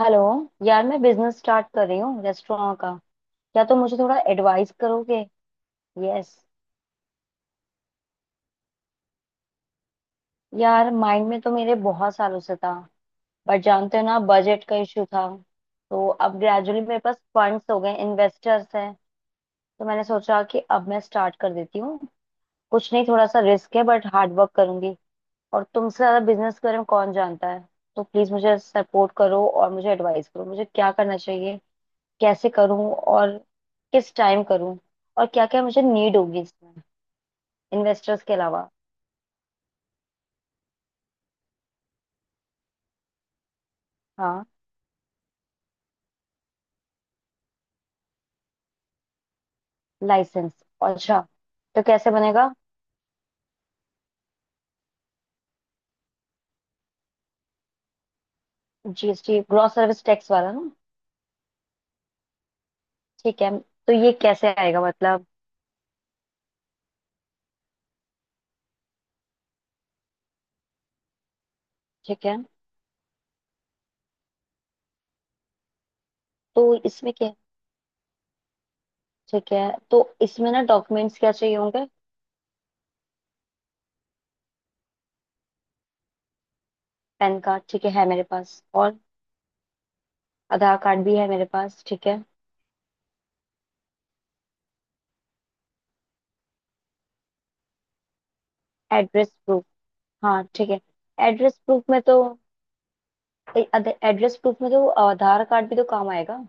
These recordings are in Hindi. हेलो। यार मैं बिजनेस स्टार्ट कर रही हूँ रेस्टोरेंट का। क्या तुम मुझे थोड़ा एडवाइस करोगे? यस। यार माइंड में तो मेरे बहुत सालों से था, बट जानते हो ना, बजट का इशू था। तो अब ग्रेजुअली मेरे पास फंड्स हो गए, इन्वेस्टर्स हैं। तो मैंने सोचा कि अब मैं स्टार्ट कर देती हूँ। कुछ नहीं, थोड़ा सा रिस्क है बट हार्ड वर्क करूंगी। और तुमसे ज्यादा बिजनेस के बारे में कौन जानता है। तो प्लीज मुझे सपोर्ट करो और मुझे एडवाइस करो मुझे क्या करना चाहिए, कैसे करूं, और किस टाइम करूं, और क्या क्या मुझे नीड होगी इसमें, इन्वेस्टर्स के अलावा। हाँ। लाइसेंस। अच्छा, तो कैसे बनेगा? जीएसटी ग्रॉस सर्विस टैक्स वाला ना। ठीक है। तो ये कैसे आएगा, मतलब? ठीक है। तो इसमें क्या है? ठीक है। तो इसमें ना डॉक्यूमेंट्स क्या चाहिए होंगे? पैन कार्ड ठीक है मेरे पास। और आधार कार्ड भी है मेरे पास, ठीक है। Address proof. हाँ ठीक है। एड्रेस प्रूफ में तो, एड्रेस प्रूफ में तो आधार कार्ड भी तो काम आएगा।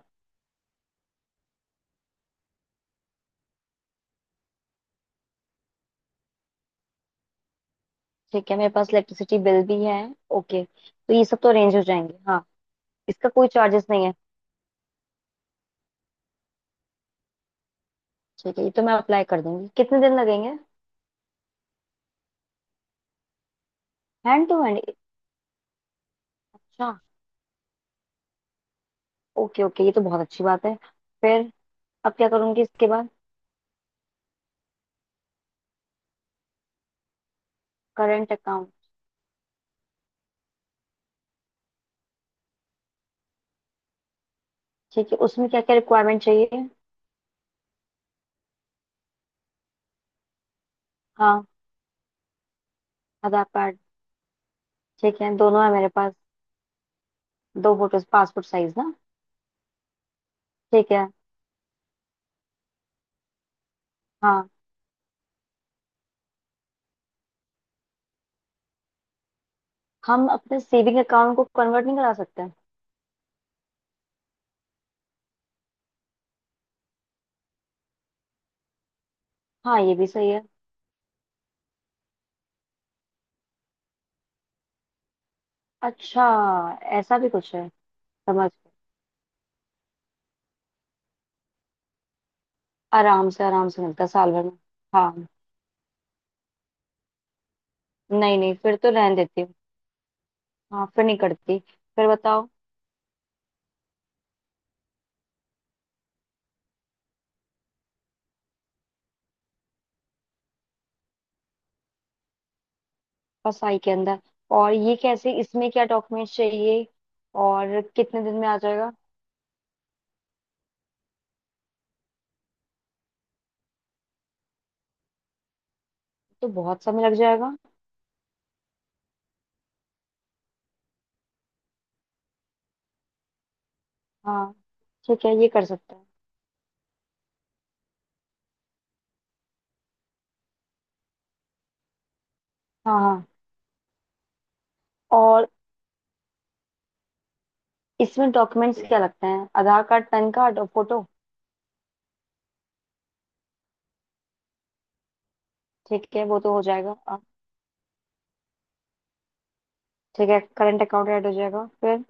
ठीक है, मेरे पास इलेक्ट्रिसिटी बिल भी है। ओके, तो ये सब तो अरेंज हो जाएंगे। हाँ। इसका कोई चार्जेस नहीं है? ठीक है, ये तो मैं अप्लाई कर दूंगी। कितने दिन लगेंगे? Hand to hand? अच्छा। ओके ओके, ये तो बहुत अच्छी बात है। फिर? अब क्या करूंगी इसके बाद? Current account. ठीक है, उसमें क्या क्या रिक्वायरमेंट चाहिए? हाँ। आधार कार्ड। ठीक है, दोनों है मेरे पास। दो फोटोज पासपोर्ट साइज ना? ठीक है। हाँ। हम अपने सेविंग अकाउंट को कन्वर्ट नहीं करा सकते? हाँ, ये भी सही है। अच्छा। ऐसा भी कुछ है? समझ। आराम से मिलता है साल भर में। हाँ। नहीं नहीं, फिर तो रहने देती हूँ। हाँ, फिर नहीं करती। फिर बताओ। फसाई के अंदर। और ये कैसे, इसमें क्या डॉक्यूमेंट चाहिए? और कितने दिन में आ जाएगा? तो बहुत समय लग जाएगा। हाँ, ठीक है, ये कर सकते हैं। हाँ हाँ। और इसमें डॉक्यूमेंट्स क्या लगते हैं? आधार कार्ड, पैन कार्ड और फोटो? ठीक है, वो तो हो जाएगा। ठीक है, करंट अकाउंट ऐड हो जाएगा। फिर?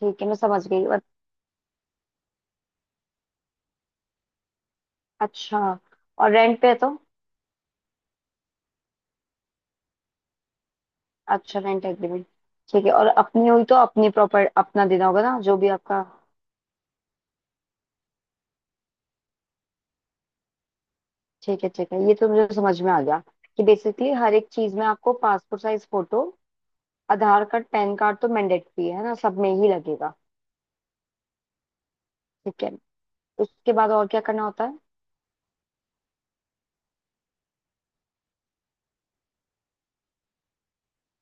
ठीक है, मैं समझ गई। और- अच्छा। और रेंट पे है तो? अच्छा, रेंट एग्रीमेंट। ठीक है। और अपनी हुई तो अपनी प्रॉपर अपना देना होगा ना, जो भी आपका। ठीक है ठीक है, ये तो मुझे समझ में आ गया। कि बेसिकली हर एक चीज में आपको passport size photo, Aadhaar card, PAN card तो मैंडेटरी है ना, सब में ही लगेगा। ठीक है। उसके बाद और क्या करना होता है?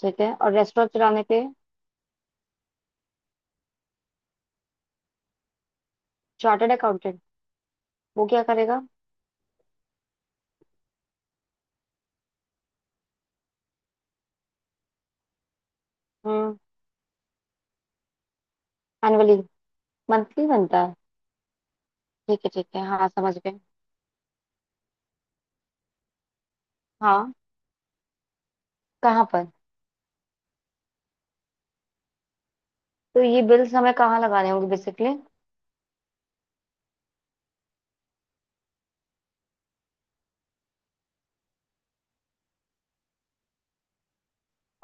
ठीक है। और रेस्टोरेंट चलाने के लिए? Chartered accountant. वो क्या करेगा? हम्म एनुअली? मंथली बनता है? ठीक है ठीक है, हाँ समझ गए। हाँ। कहाँ पर? तो ये बिल्स हमें कहाँ लगाने होंगे बेसिकली?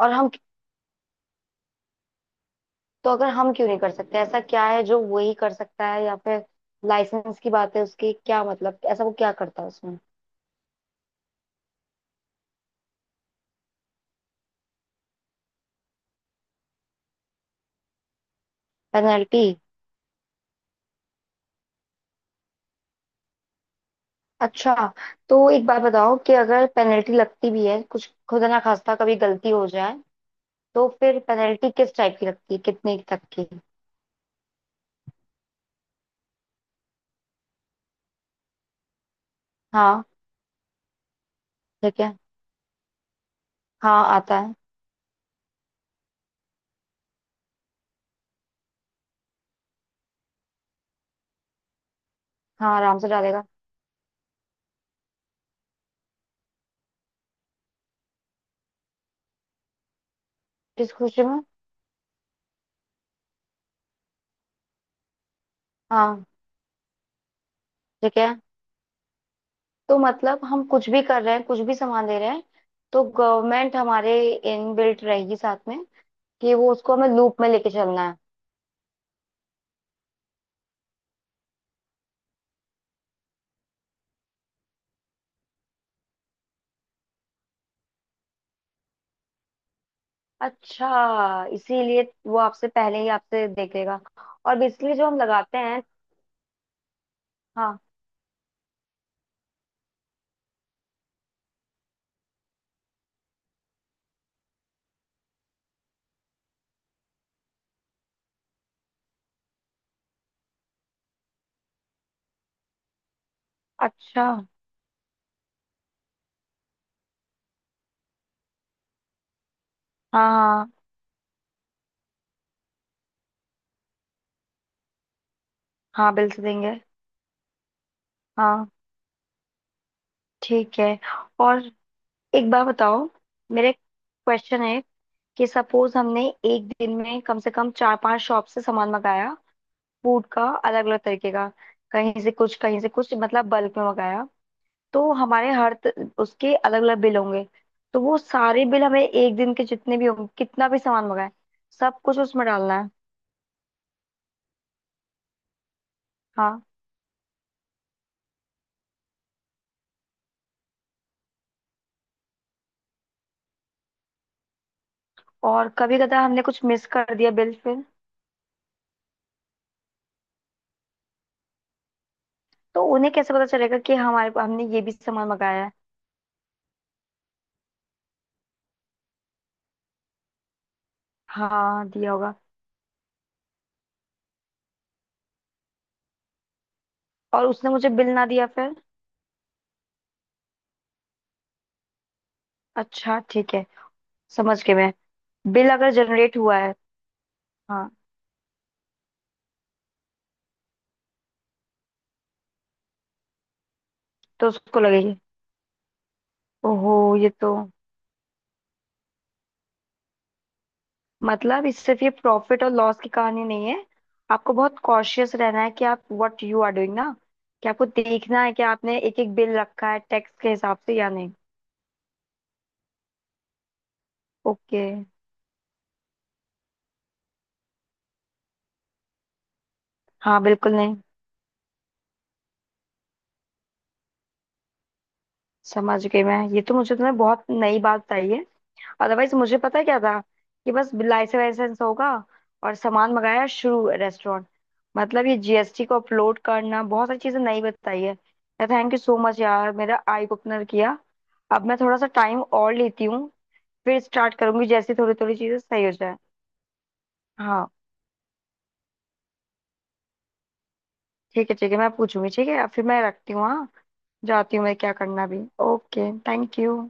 और हम, तो अगर हम क्यों नहीं कर सकते, ऐसा क्या है जो वही कर सकता है? या फिर लाइसेंस की बात है उसकी, क्या मतलब, ऐसा वो क्या करता है उसमें? पेनल्टी? अच्छा, तो एक बात बताओ कि अगर पेनल्टी लगती भी है, कुछ खुदा ना खास्ता कभी गलती हो जाए, तो फिर पेनल्टी किस टाइप की लगती है, कितने तक की? हाँ। ठीक है। हाँ आता है। हाँ, आराम से डालेगा। किस खुशी में? हाँ। ठीक है। तो मतलब हम कुछ भी कर रहे हैं, कुछ भी सामान दे रहे हैं, तो गवर्नमेंट हमारे इन बिल्ट रहेगी साथ में, कि वो उसको हमें लूप में लेके चलना है। अच्छा, इसीलिए वो आपसे पहले ही आपसे देखेगा। और बेसिकली जो हम लगाते हैं। हाँ। अच्छा हाँ। हाँ। हाँ बिल्स देंगे। हाँ। ठीक है। और एक बार बताओ, मेरे क्वेश्चन है कि सपोज हमने एक दिन में कम से कम चार पांच शॉप से सामान मंगाया, फूड का अलग अलग तरीके का, कहीं से कुछ कहीं से कुछ, मतलब बल्क में मंगाया। तो हमारे हर उसके अलग अलग बिल होंगे। तो वो सारे बिल हमें, एक दिन के जितने भी होंगे कितना भी सामान मंगाए, सब कुछ उसमें डालना है? हाँ। और कभी कदा हमने कुछ मिस कर दिया बिल, फिर? तो उन्हें कैसे पता चलेगा कि हमारे, हमने ये भी सामान मंगाया है? हाँ दिया होगा। और उसने मुझे बिल ना दिया फिर? अच्छा, ठीक है। समझ गई मैं। बिल अगर जनरेट हुआ है। हाँ। तो उसको लगेगी? ओहो। ये तो, मतलब इस, सिर्फ ये प्रॉफिट और लॉस की कहानी नहीं है। आपको बहुत कॉशियस रहना है कि आप व्हाट यू आर डूइंग ना, कि आपको देखना है कि आपने एक एक बिल रखा है टैक्स के हिसाब से या नहीं। ओके। हाँ बिल्कुल नहीं। समझ गई मैं। ये तो मुझे तुमने बहुत नई बात बताई है। अदरवाइज मुझे पता है क्या था, कि बस लाइसेंस वाइसेंस होगा और सामान मंगाया, शुरू रेस्टोरेंट। मतलब ये जीएसटी को अपलोड करना, बहुत सारी चीजें नई बताई है। थैंक यू सो मच यार, मेरा आई ओपनर किया। अब मैं थोड़ा सा टाइम और लेती हूँ। फिर स्टार्ट करूंगी जैसे थोड़ी थोड़ी चीजें सही हो जाए। हाँ। ठीक है ठीक है, मैं पूछूंगी। ठीक है, अब फिर मैं रखती हूँ। हाँ, जाती हूँ मैं, क्या करना भी। ओके। Thank you.